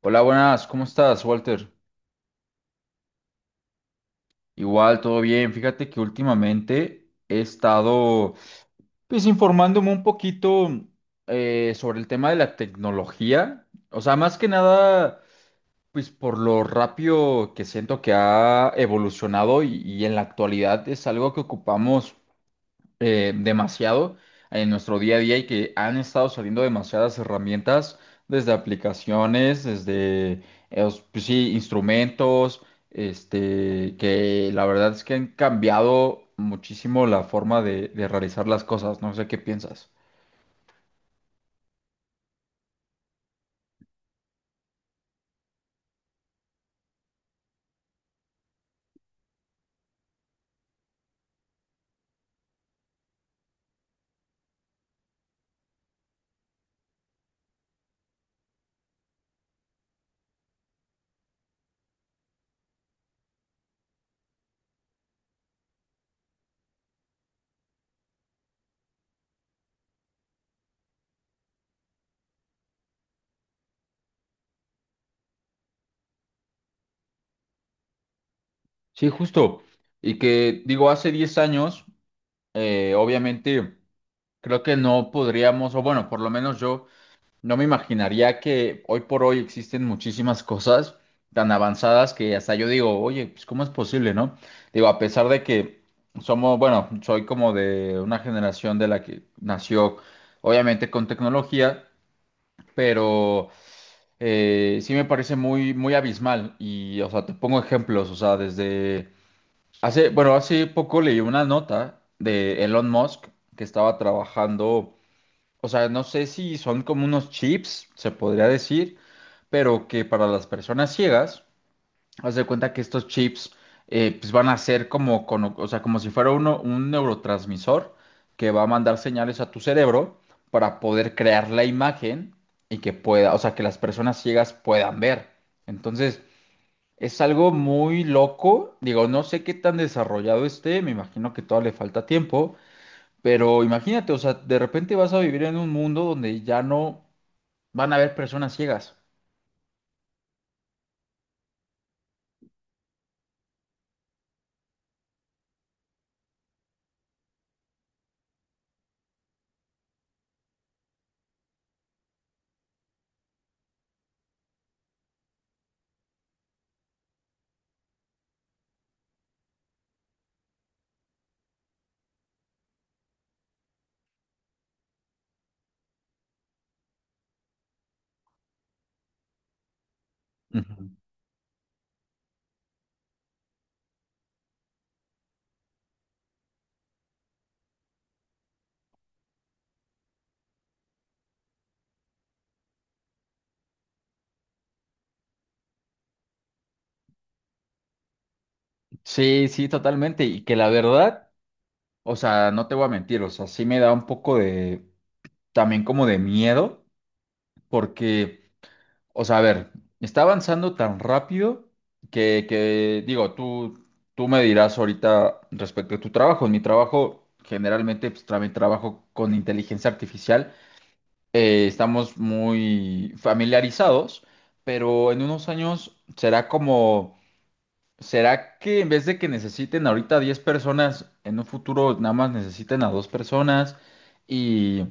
Hola, buenas, ¿cómo estás, Walter? Igual, todo bien. Fíjate que últimamente he estado, pues, informándome un poquito sobre el tema de la tecnología. O sea, más que nada, pues, por lo rápido que siento que ha evolucionado y en la actualidad es algo que ocupamos demasiado en nuestro día a día y que han estado saliendo demasiadas herramientas, desde aplicaciones, desde pues sí, instrumentos, este, que la verdad es que han cambiado muchísimo la forma de realizar las cosas. No sé qué piensas. Sí, justo. Y que digo, hace 10 años, obviamente, creo que no podríamos, o bueno, por lo menos yo. No me imaginaría que hoy por hoy existen muchísimas cosas tan avanzadas que hasta yo digo, oye, pues ¿cómo es posible, no? Digo, a pesar de que somos, bueno, soy como de una generación de la que nació, obviamente, con tecnología, pero sí me parece muy, muy abismal. Y, o sea, te pongo ejemplos, o sea, desde hace, bueno, hace poco leí una nota de Elon Musk que estaba trabajando, o sea, no sé si son como unos chips, se podría decir, pero que para las personas ciegas, haz de cuenta que estos chips, pues van a ser como, o sea, como si fuera uno, un neurotransmisor que va a mandar señales a tu cerebro para poder crear la imagen y que pueda, o sea, que las personas ciegas puedan ver. Entonces, es algo muy loco. Digo, no sé qué tan desarrollado esté, me imagino que todavía le falta tiempo. Pero imagínate, o sea, de repente vas a vivir en un mundo donde ya no van a haber personas ciegas. Ujú. Sí, sí, totalmente. Y que la verdad, o sea, no te voy a mentir, o sea, sí me da un poco de, también como de miedo, porque, o sea, a ver, está avanzando tan rápido que digo, tú me dirás ahorita respecto a tu trabajo. En mi trabajo, generalmente, pues también trabajo con inteligencia artificial. Estamos muy familiarizados, pero en unos años será como, será que en vez de que necesiten ahorita 10 personas, en un futuro nada más necesiten a dos personas y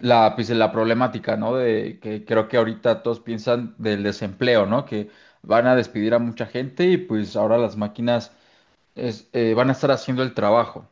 la, pues, la problemática, ¿no? De que creo que ahorita todos piensan del desempleo, ¿no? Que van a despedir a mucha gente y pues ahora las máquinas van a estar haciendo el trabajo.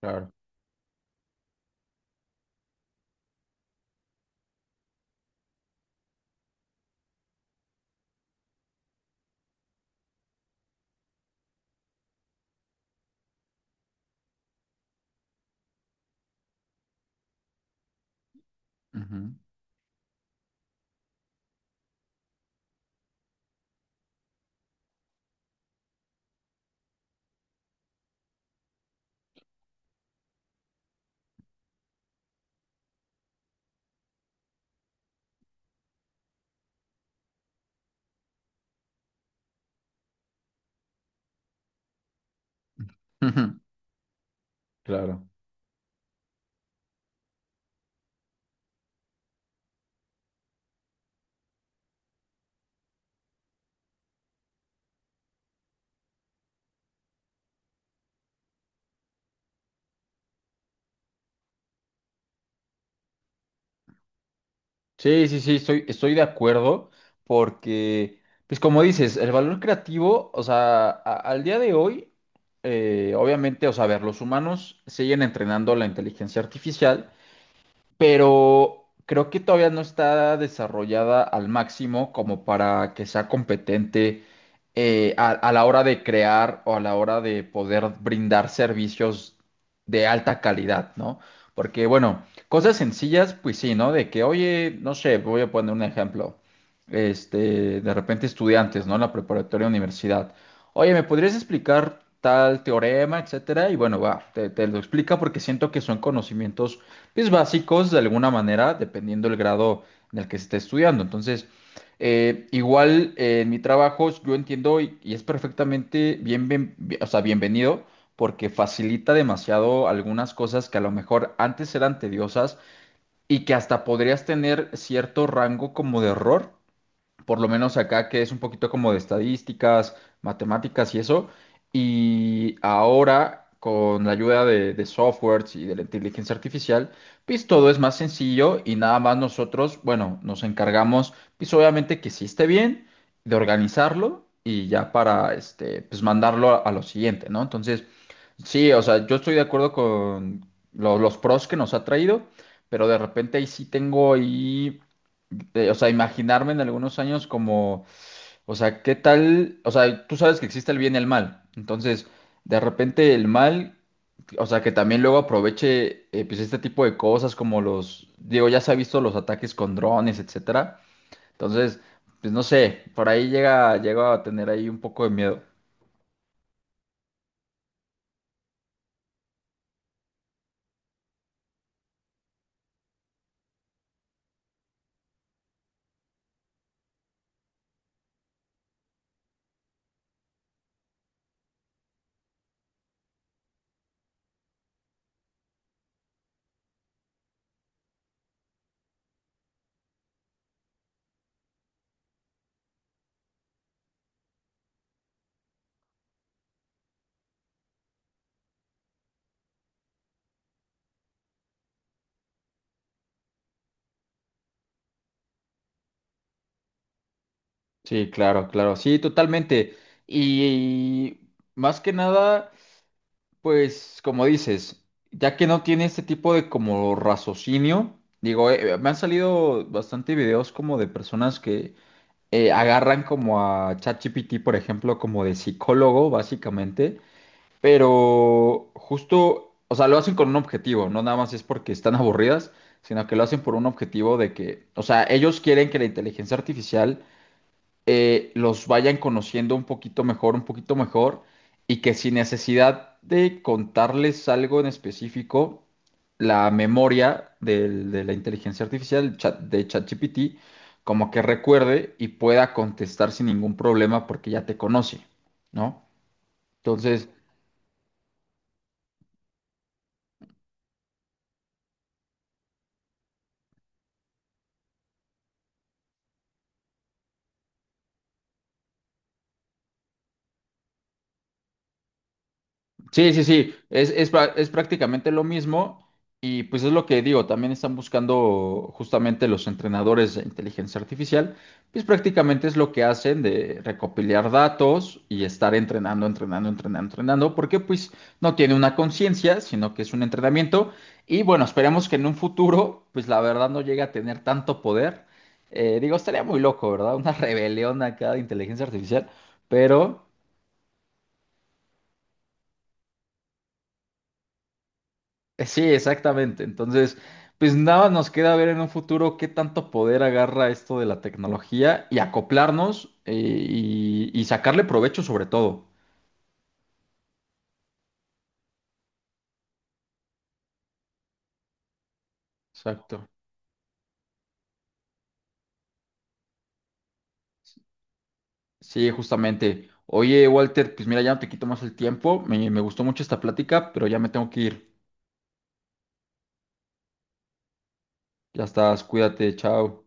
Claro. Ujú. Claro. Sí, sí, sí, estoy, estoy de acuerdo porque, pues como dices, el valor creativo, o sea, al día de hoy, obviamente, o sea, a ver, los humanos siguen entrenando la inteligencia artificial, pero creo que todavía no está desarrollada al máximo como para que sea competente a la hora de crear o a la hora de poder brindar servicios de alta calidad, ¿no? Porque, bueno, cosas sencillas, pues sí, ¿no? De que, oye, no sé, voy a poner un ejemplo. Este, de repente estudiantes, ¿no? En la preparatoria universidad. Oye, ¿me podrías explicar tal teorema, etcétera? Y bueno, va, te lo explica porque siento que son conocimientos pues básicos de alguna manera, dependiendo el grado en el que se esté estudiando. Entonces, igual en mi trabajo yo entiendo y es perfectamente o sea, bienvenido porque facilita demasiado algunas cosas que a lo mejor antes eran tediosas y que hasta podrías tener cierto rango como de error, por lo menos acá que es un poquito como de estadísticas, matemáticas y eso. Y ahora, con la ayuda de softwares y de la inteligencia artificial, pues todo es más sencillo y nada más nosotros, bueno, nos encargamos, pues obviamente que sí esté bien, de organizarlo y ya para, este, pues mandarlo a lo siguiente, ¿no? Entonces, sí, o sea, yo estoy de acuerdo con los pros que nos ha traído, pero de repente ahí sí tengo ahí o sea, imaginarme en algunos años como, o sea, ¿qué tal? O sea, tú sabes que existe el bien y el mal. Entonces, de repente el mal, o sea, que también luego aproveche, pues este tipo de cosas como los, digo, ya se ha visto los ataques con drones, etcétera. Entonces, pues no sé, por ahí llega, llego a tener ahí un poco de miedo. Sí, claro, claro, sí, totalmente. Y más que nada. Pues como dices, ya que no tiene este tipo de como raciocinio, digo, me han salido bastante videos como de personas que agarran como a ChatGPT, por ejemplo, como de psicólogo, básicamente, pero justo, o sea, lo hacen con un objetivo, no nada más es porque están aburridas, sino que lo hacen por un objetivo de que, o sea, ellos quieren que la inteligencia artificial los vayan conociendo un poquito mejor, y que sin necesidad de contarles algo en específico, la memoria de la inteligencia artificial, el chat de ChatGPT, como que recuerde y pueda contestar sin ningún problema porque ya te conoce, ¿no? Entonces, sí, sí, sí, es, es prácticamente lo mismo y pues es lo que digo, también están buscando justamente los entrenadores de inteligencia artificial, pues prácticamente es lo que hacen de recopilar datos y estar entrenando, entrenando, entrenando, entrenando, porque pues no tiene una conciencia, sino que es un entrenamiento y bueno, esperemos que en un futuro pues la verdad no llegue a tener tanto poder. Digo, estaría muy loco, ¿verdad? Una rebelión acá de inteligencia artificial, pero... sí, exactamente. Entonces, pues nada, nos queda ver en un futuro qué tanto poder agarra esto de la tecnología y acoplarnos, y sacarle provecho sobre todo. Exacto. Sí, justamente. Oye, Walter, pues mira, ya no te quito más el tiempo. Me gustó mucho esta plática, pero ya me tengo que ir. Ya estás, cuídate, chao.